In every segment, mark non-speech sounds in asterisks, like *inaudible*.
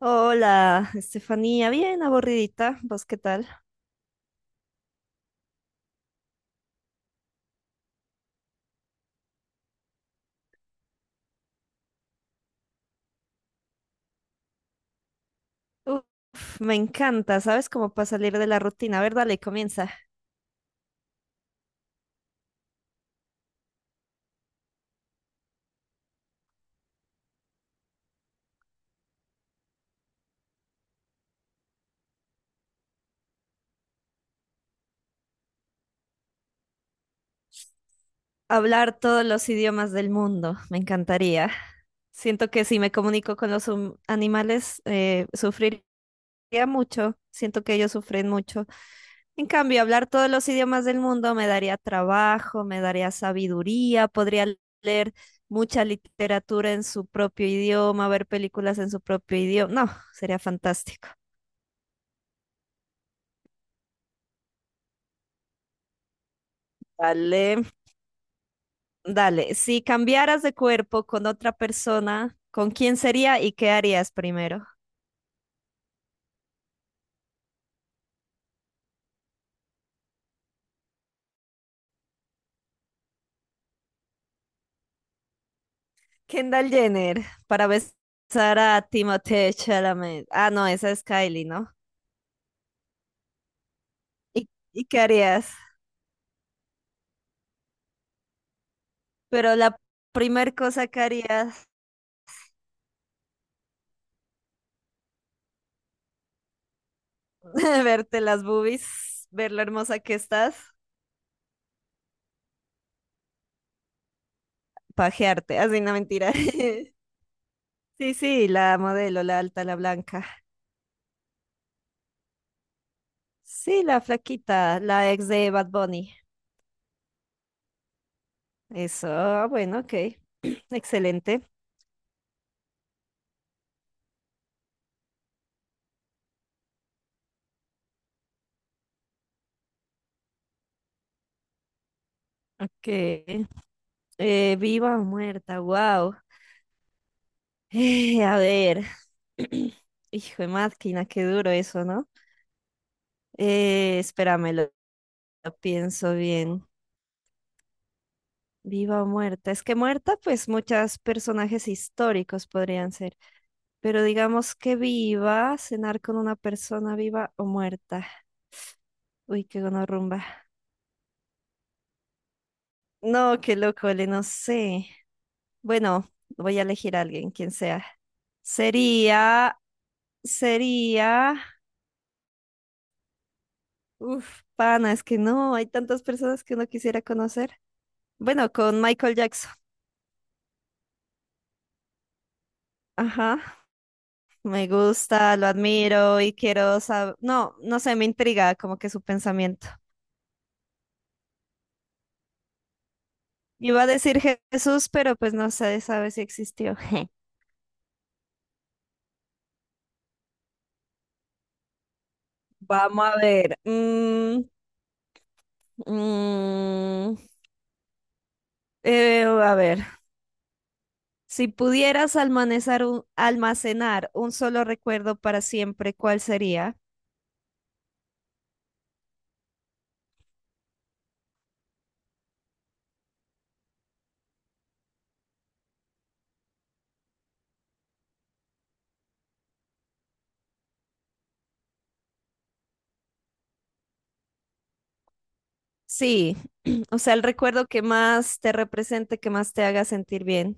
Hola, Estefanía, bien aburridita, ¿vos qué tal? Uf, me encanta, ¿sabes? Como para salir de la rutina. A ver, dale, comienza. Hablar todos los idiomas del mundo, me encantaría. Siento que si me comunico con los animales, sufriría mucho, siento que ellos sufren mucho. En cambio, hablar todos los idiomas del mundo me daría trabajo, me daría sabiduría, podría leer mucha literatura en su propio idioma, ver películas en su propio idioma. No, sería fantástico. Dale, dale. Si cambiaras de cuerpo con otra persona, ¿con quién sería y qué harías primero? Kendall Jenner para besar a Timothée Chalamet. Ah, no, esa es Kylie, ¿no? ¿Y qué harías? Pero la primer cosa que harías, *laughs* verte las boobies, ver lo hermosa que estás, pajearte, así no mentira. *laughs* Sí, sí, la modelo, la alta, la blanca. Sí, la flaquita, la ex de Bad Bunny. Eso, ah, bueno, ok. *clears throat* Excelente. Ok. Viva o muerta, wow. A ver. *clears throat* Hijo de máquina, qué duro eso, ¿no? Espérame, lo pienso bien. Viva o muerta. Es que muerta, pues muchos personajes históricos podrían ser. Pero digamos que viva, cenar con una persona viva o muerta. Uy, qué gonorrumba. No, qué loco, le no sé. Bueno, voy a elegir a alguien, quien sea. Sería, sería, uf, pana, es que no, hay tantas personas que uno quisiera conocer. Bueno, con Michael Jackson. Ajá, me gusta, lo admiro y quiero saber, no sé, me intriga como que su pensamiento. Iba a decir Jesús, pero pues no se sabe si existió. *laughs* Vamos a ver. Mm, a ver. Si pudieras almacenar un solo recuerdo para siempre, ¿cuál sería? Sí, *clears throat* o sea, el recuerdo que más te represente, que más te haga sentir bien.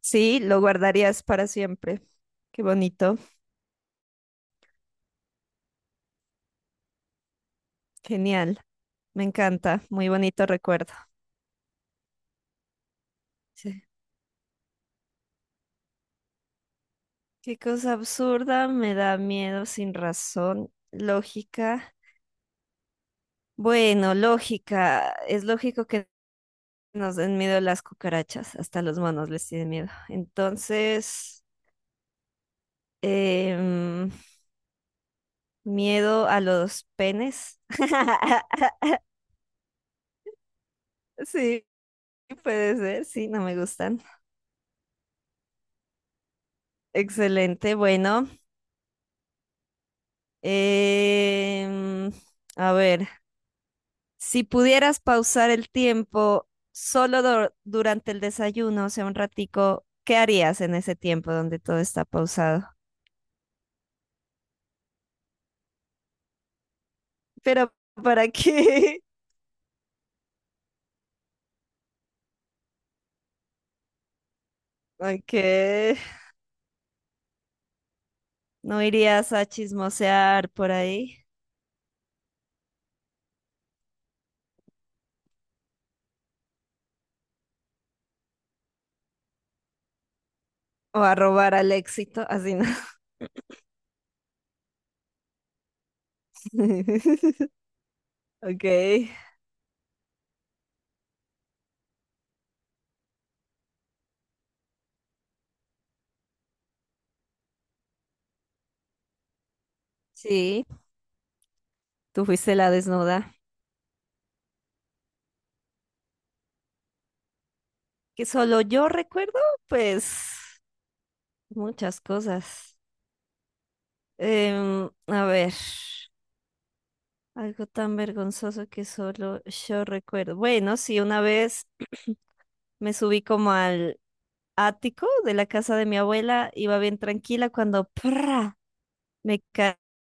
Sí, lo guardarías para siempre. Qué bonito, genial, me encanta, muy bonito recuerdo. Sí. Qué cosa absurda, me da miedo sin razón, lógica. Bueno, lógica, es lógico que nos den miedo las cucarachas, hasta los monos les tienen miedo. Entonces… Em, miedo a los penes. *laughs* Sí, puede ser, sí, no me gustan. Excelente, bueno. em, a ver, si pudieras pausar el tiempo solo durante el desayuno, o sea, un ratico, ¿qué harías en ese tiempo donde todo está pausado? Pero, ¿para qué? *laughs* Ok, ¿no irías a chismosear por ahí? O a robar al éxito, así no. *laughs* Ok. Sí, tú fuiste la desnuda. Que solo yo recuerdo, pues, muchas cosas. A ver, algo tan vergonzoso que solo yo recuerdo. Bueno, sí, una vez me subí como al ático de la casa de mi abuela, iba bien tranquila cuando ¡prra! Me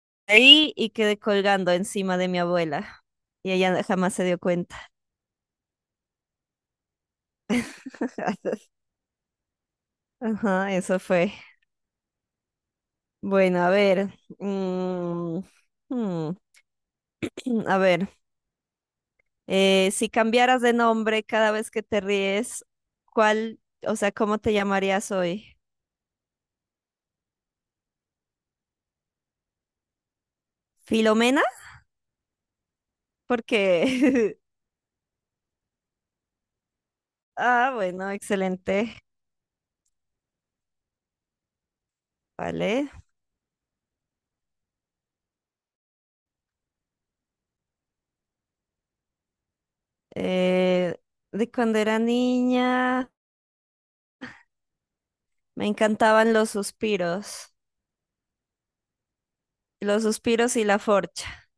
caí y quedé colgando encima de mi abuela. Y ella jamás se dio cuenta. *laughs* Ajá, eso fue. Bueno, a ver. mm, mm, *clears throat* a ver. Si cambiaras de nombre cada vez que te ríes, ¿cuál, o sea, cómo te llamarías hoy? ¿Filomena? Porque… *laughs* Ah, bueno, excelente. Vale. Eh, de cuando era niña, me encantaban los suspiros. Los suspiros y la forcha.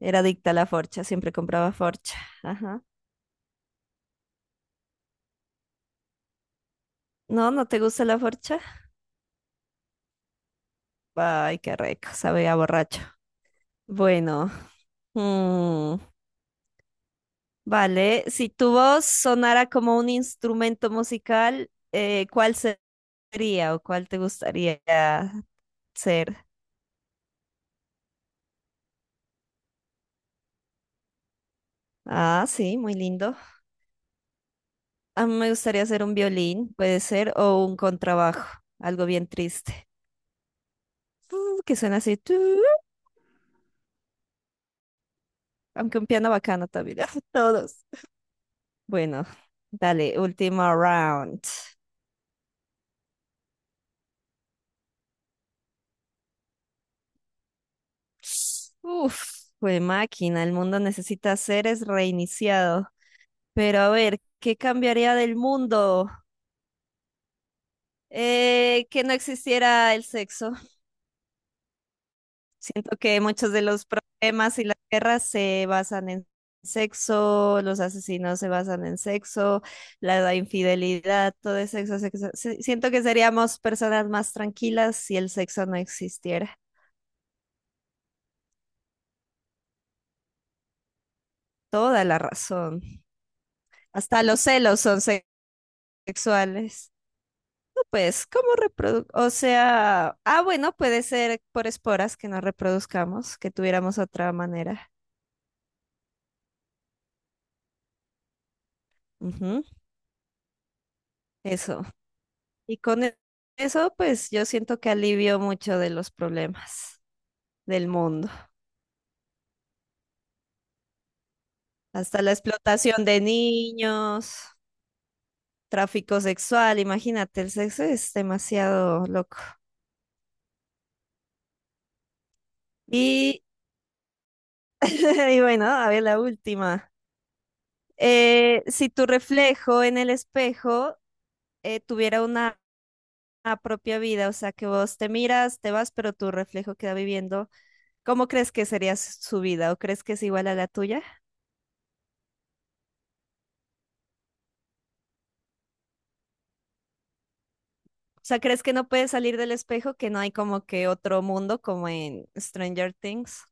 Era adicta a la forcha, siempre compraba forcha. Ajá. No, ¿no te gusta la forcha? Ay, qué rico, sabe a borracho. Bueno, mm, vale. Si tu voz sonara como un instrumento musical, ¿cuál sería o cuál te gustaría ser? Ah, sí, muy lindo. A mí me gustaría ser un violín, puede ser, o un contrabajo, algo bien triste. Mm, que suena así, tu, aunque un piano bacano también. *laughs* Todos. Bueno, dale, última round. Uf, fue máquina, el mundo necesita seres reiniciado. Pero a ver, ¿qué cambiaría del mundo? Que no existiera el sexo. *laughs* Siento que muchos de los problemas y las guerras se basan en sexo, los asesinos se basan en sexo, la infidelidad, todo es sexo, sexo. Siento que seríamos personas más tranquilas si el sexo no existiera. Toda la razón. Hasta los celos son sexuales. Pues, ¿cómo reproduc? O sea, ah, bueno, puede ser por esporas que no reproduzcamos, que tuviéramos otra manera. Ujú. Eso. Y con eso, pues yo siento que alivio mucho de los problemas del mundo. Hasta la explotación de niños, tráfico sexual, imagínate, el sexo es demasiado loco. Y *laughs* y bueno, a ver la última. Si tu reflejo en el espejo tuviera una a propia vida, o sea, que vos te miras, te vas, pero tu reflejo queda viviendo. ¿Cómo crees que sería su vida o crees que es igual a la tuya? O sea, ¿crees que no puedes salir del espejo, que no hay como que otro mundo como en Stranger Things,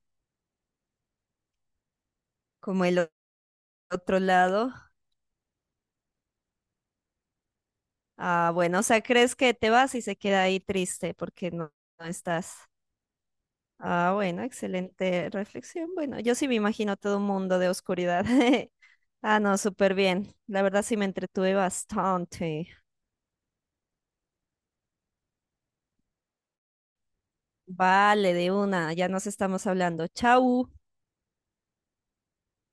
como el otro lado? Ah, bueno, o sea, ¿crees que te vas y se queda ahí triste porque no, no estás? Ah, bueno, excelente reflexión. Bueno, yo sí me imagino todo un mundo de oscuridad. *laughs* Ah, no, súper bien. La verdad sí me entretuve bastante. Vale, de una, ya nos estamos hablando. Chau.